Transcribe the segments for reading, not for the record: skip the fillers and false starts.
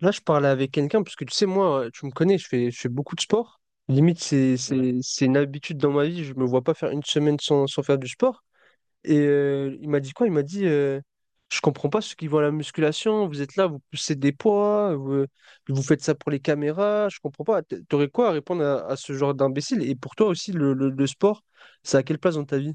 Là, je parlais avec quelqu'un, parce que tu sais, moi, tu me connais, je fais beaucoup de sport. Limite, c'est, Ouais, c'est une habitude dans ma vie, je me vois pas faire une semaine sans faire du sport. Et il m'a dit quoi? Il m'a dit, je comprends pas ceux qui vont à la musculation, vous êtes là, vous poussez des poids, vous, vous faites ça pour les caméras, je comprends pas. T'aurais quoi à répondre à ce genre d'imbécile? Et pour toi aussi, le sport, ça à quelle place dans ta vie?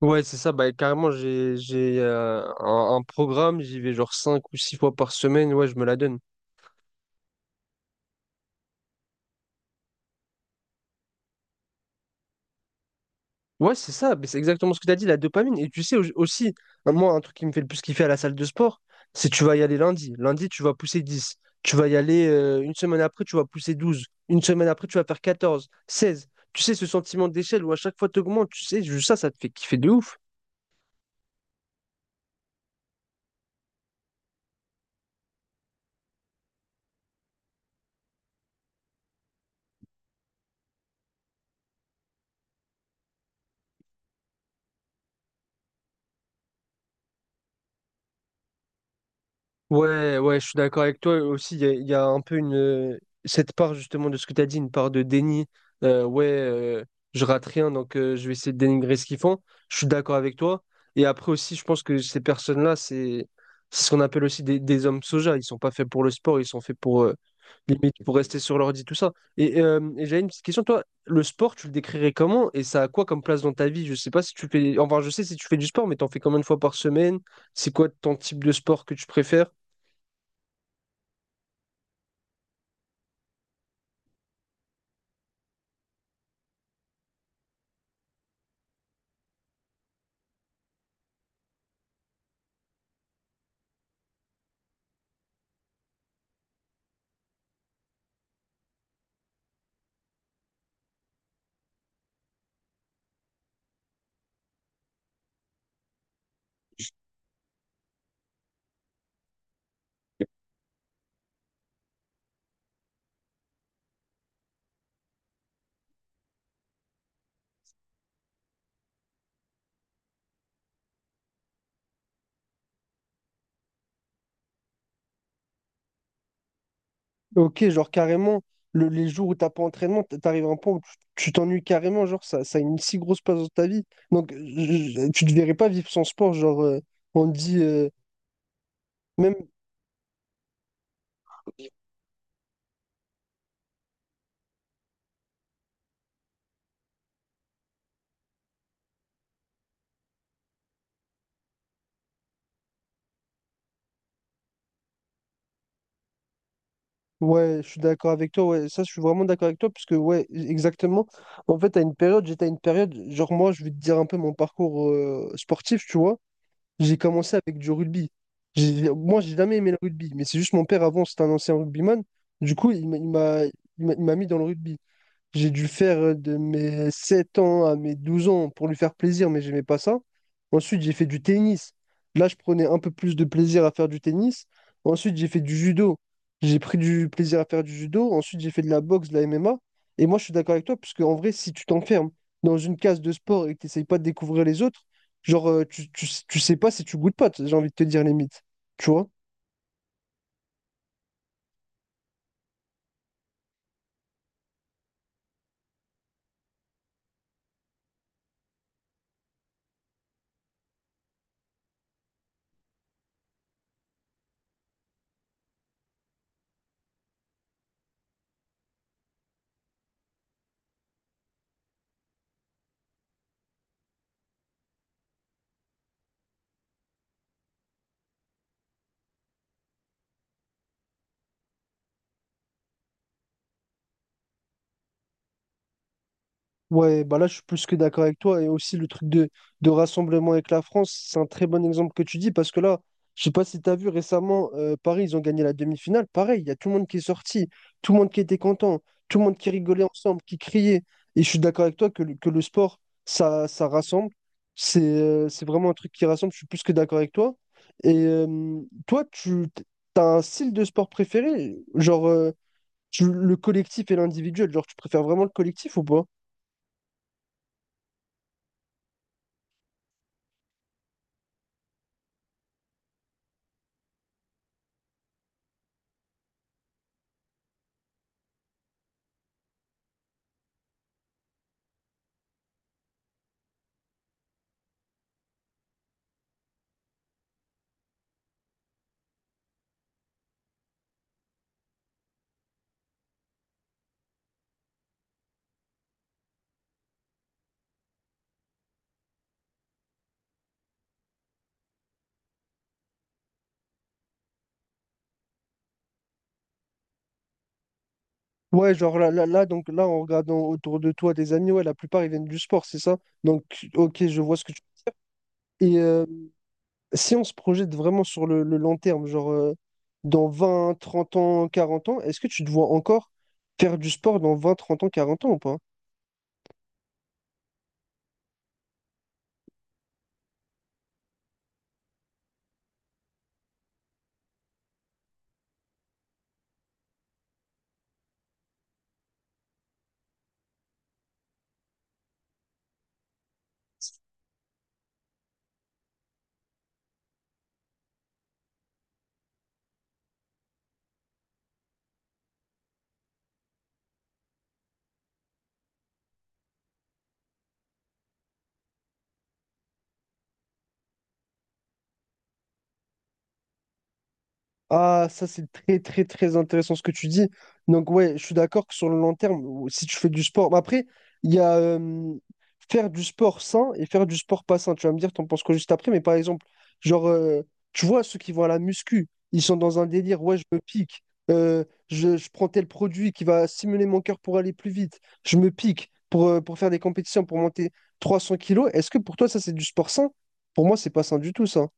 Ouais, c'est ça, bah carrément, j'ai un programme, j'y vais genre 5 ou 6 fois par semaine, ouais, je me la donne. Ouais, c'est ça, mais c'est exactement ce que tu as dit, la dopamine. Et tu sais aussi, moi, un truc qui me fait le plus kiffer à la salle de sport, c'est tu vas y aller lundi. Lundi, tu vas pousser 10. Tu vas y aller une semaine après, tu vas pousser 12. Une semaine après, tu vas faire 14, 16. Tu sais, ce sentiment d'échelle où à chaque fois tu augmentes, tu sais, juste ça, ça te fait kiffer de ouf. Ouais, ouais, je suis d'accord avec toi aussi. Il y a un peu une cette part justement de ce que tu as dit, une part de déni. Euh, ouais, euh, je rate rien, donc je vais essayer de dénigrer ce qu'ils font. Je suis d'accord avec toi. Et après aussi, je pense que ces personnes-là, c'est ce qu'on appelle aussi des hommes soja. Ils sont pas faits pour le sport, ils sont faits pour limite pour rester sur l'ordi, tout ça. Et j'avais une petite question, toi, le sport, tu le décrirais comment et ça a quoi comme place dans ta vie? Je sais pas si tu fais, enfin, je sais si tu fais du sport, mais t'en fais combien de fois par semaine? C'est quoi ton type de sport que tu préfères? Ok, genre carrément, les jours où t'as pas entraînement, t'arrives à un point où tu t'ennuies carrément, genre ça, ça a une si grosse place dans ta vie. Donc tu ne verrais pas vivre sans sport, genre on te dit même ouais, je suis d'accord avec toi, ouais, ça je suis vraiment d'accord avec toi, parce que ouais, exactement. En fait, à une période, j'étais à une période, genre moi, je vais te dire un peu mon parcours sportif, tu vois. J'ai commencé avec du rugby. Moi, j'ai jamais aimé le rugby, mais c'est juste mon père avant, c'était un ancien rugbyman. Du coup, il m'a mis dans le rugby. J'ai dû faire de mes 7 ans à mes 12 ans pour lui faire plaisir, mais j'aimais pas ça. Ensuite, j'ai fait du tennis. Là, je prenais un peu plus de plaisir à faire du tennis. Ensuite, j'ai fait du judo. J'ai pris du plaisir à faire du judo. Ensuite, j'ai fait de la boxe, de la MMA. Et moi, je suis d'accord avec toi, parce qu'en vrai, si tu t'enfermes dans une case de sport et que tu n'essayes pas de découvrir les autres, genre, tu sais pas si tu goûtes pas, j'ai envie de te dire limite. Tu vois? Ouais, bah là, je suis plus que d'accord avec toi. Et aussi, le truc de rassemblement avec la France, c'est un très bon exemple que tu dis parce que là, je sais pas si tu as vu récemment, Paris, ils ont gagné la demi-finale. Pareil, il y a tout le monde qui est sorti, tout le monde qui était content, tout le monde qui rigolait ensemble, qui criait. Et je suis d'accord avec toi que le sport, ça rassemble. C'est vraiment un truc qui rassemble. Je suis plus que d'accord avec toi. Et toi, tu as un style de sport préféré? Genre, le collectif et l'individuel? Genre, tu préfères vraiment le collectif ou pas? Ouais, genre donc là, en regardant autour de toi des amis, ouais, la plupart ils viennent du sport, c'est ça? Donc, ok, je vois ce que tu. Et si on se projette vraiment sur le long terme, genre dans vingt, trente ans, quarante ans, est-ce que tu te vois encore faire du sport dans 20, 30 ans, 40 ans ou pas? Ah, ça c'est très très très intéressant ce que tu dis. Donc ouais, je suis d'accord que sur le long terme, si tu fais du sport, mais après, il y a faire du sport sain et faire du sport pas sain. Tu vas me dire, t'en penses quoi juste après, mais par exemple, genre, tu vois, ceux qui vont à la muscu, ils sont dans un délire, ouais, je me pique, euh, je prends tel produit qui va stimuler mon cœur pour aller plus vite, je me pique pour faire des compétitions, pour monter 300 kilos. Est-ce que pour toi ça c'est du sport sain? Pour moi, c'est pas sain du tout ça.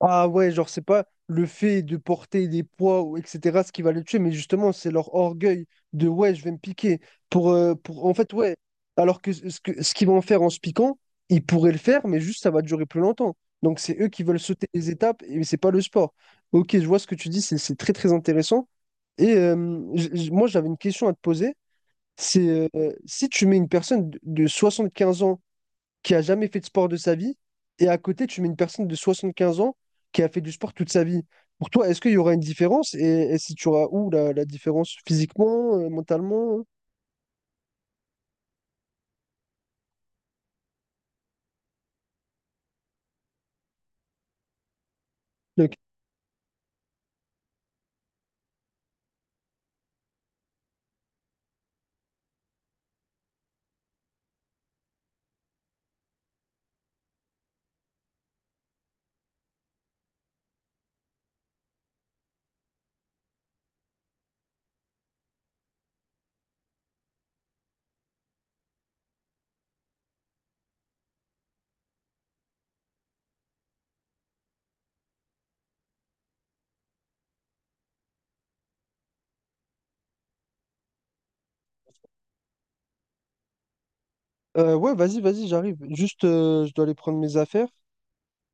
Ah ouais, genre, c'est pas le fait de porter des poids, ou etc., ce qui va le tuer, mais justement, c'est leur orgueil de ouais, je vais me piquer. Pour... En fait, ouais. Alors que ce qu'ils vont faire en se piquant, ils pourraient le faire, mais juste ça va durer plus longtemps. Donc, c'est eux qui veulent sauter les étapes, et c'est pas le sport. Ok, je vois ce que tu dis, c'est très très intéressant. Et moi, j'avais une question à te poser. C'est si tu mets une personne de 75 ans qui a jamais fait de sport de sa vie, et à côté, tu mets une personne de 75 ans qui a fait du sport toute sa vie. Pour toi, est-ce qu'il y aura une différence? Et si tu auras où la différence physiquement, mentalement? Donc, ouais, vas-y, vas-y, j'arrive. Juste, je dois aller prendre mes affaires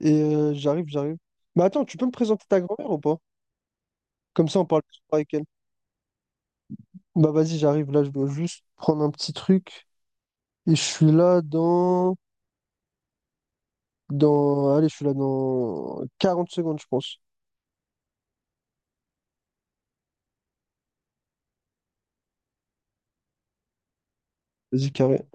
et j'arrive. Mais attends, tu peux me présenter ta grand-mère ou pas? Comme ça, on parle plus avec elle. Bah vas-y, j'arrive. Là, je dois juste prendre un petit truc et je suis là dans... dans... Allez, je suis là dans 40 secondes, je pense. Vas-y, carré.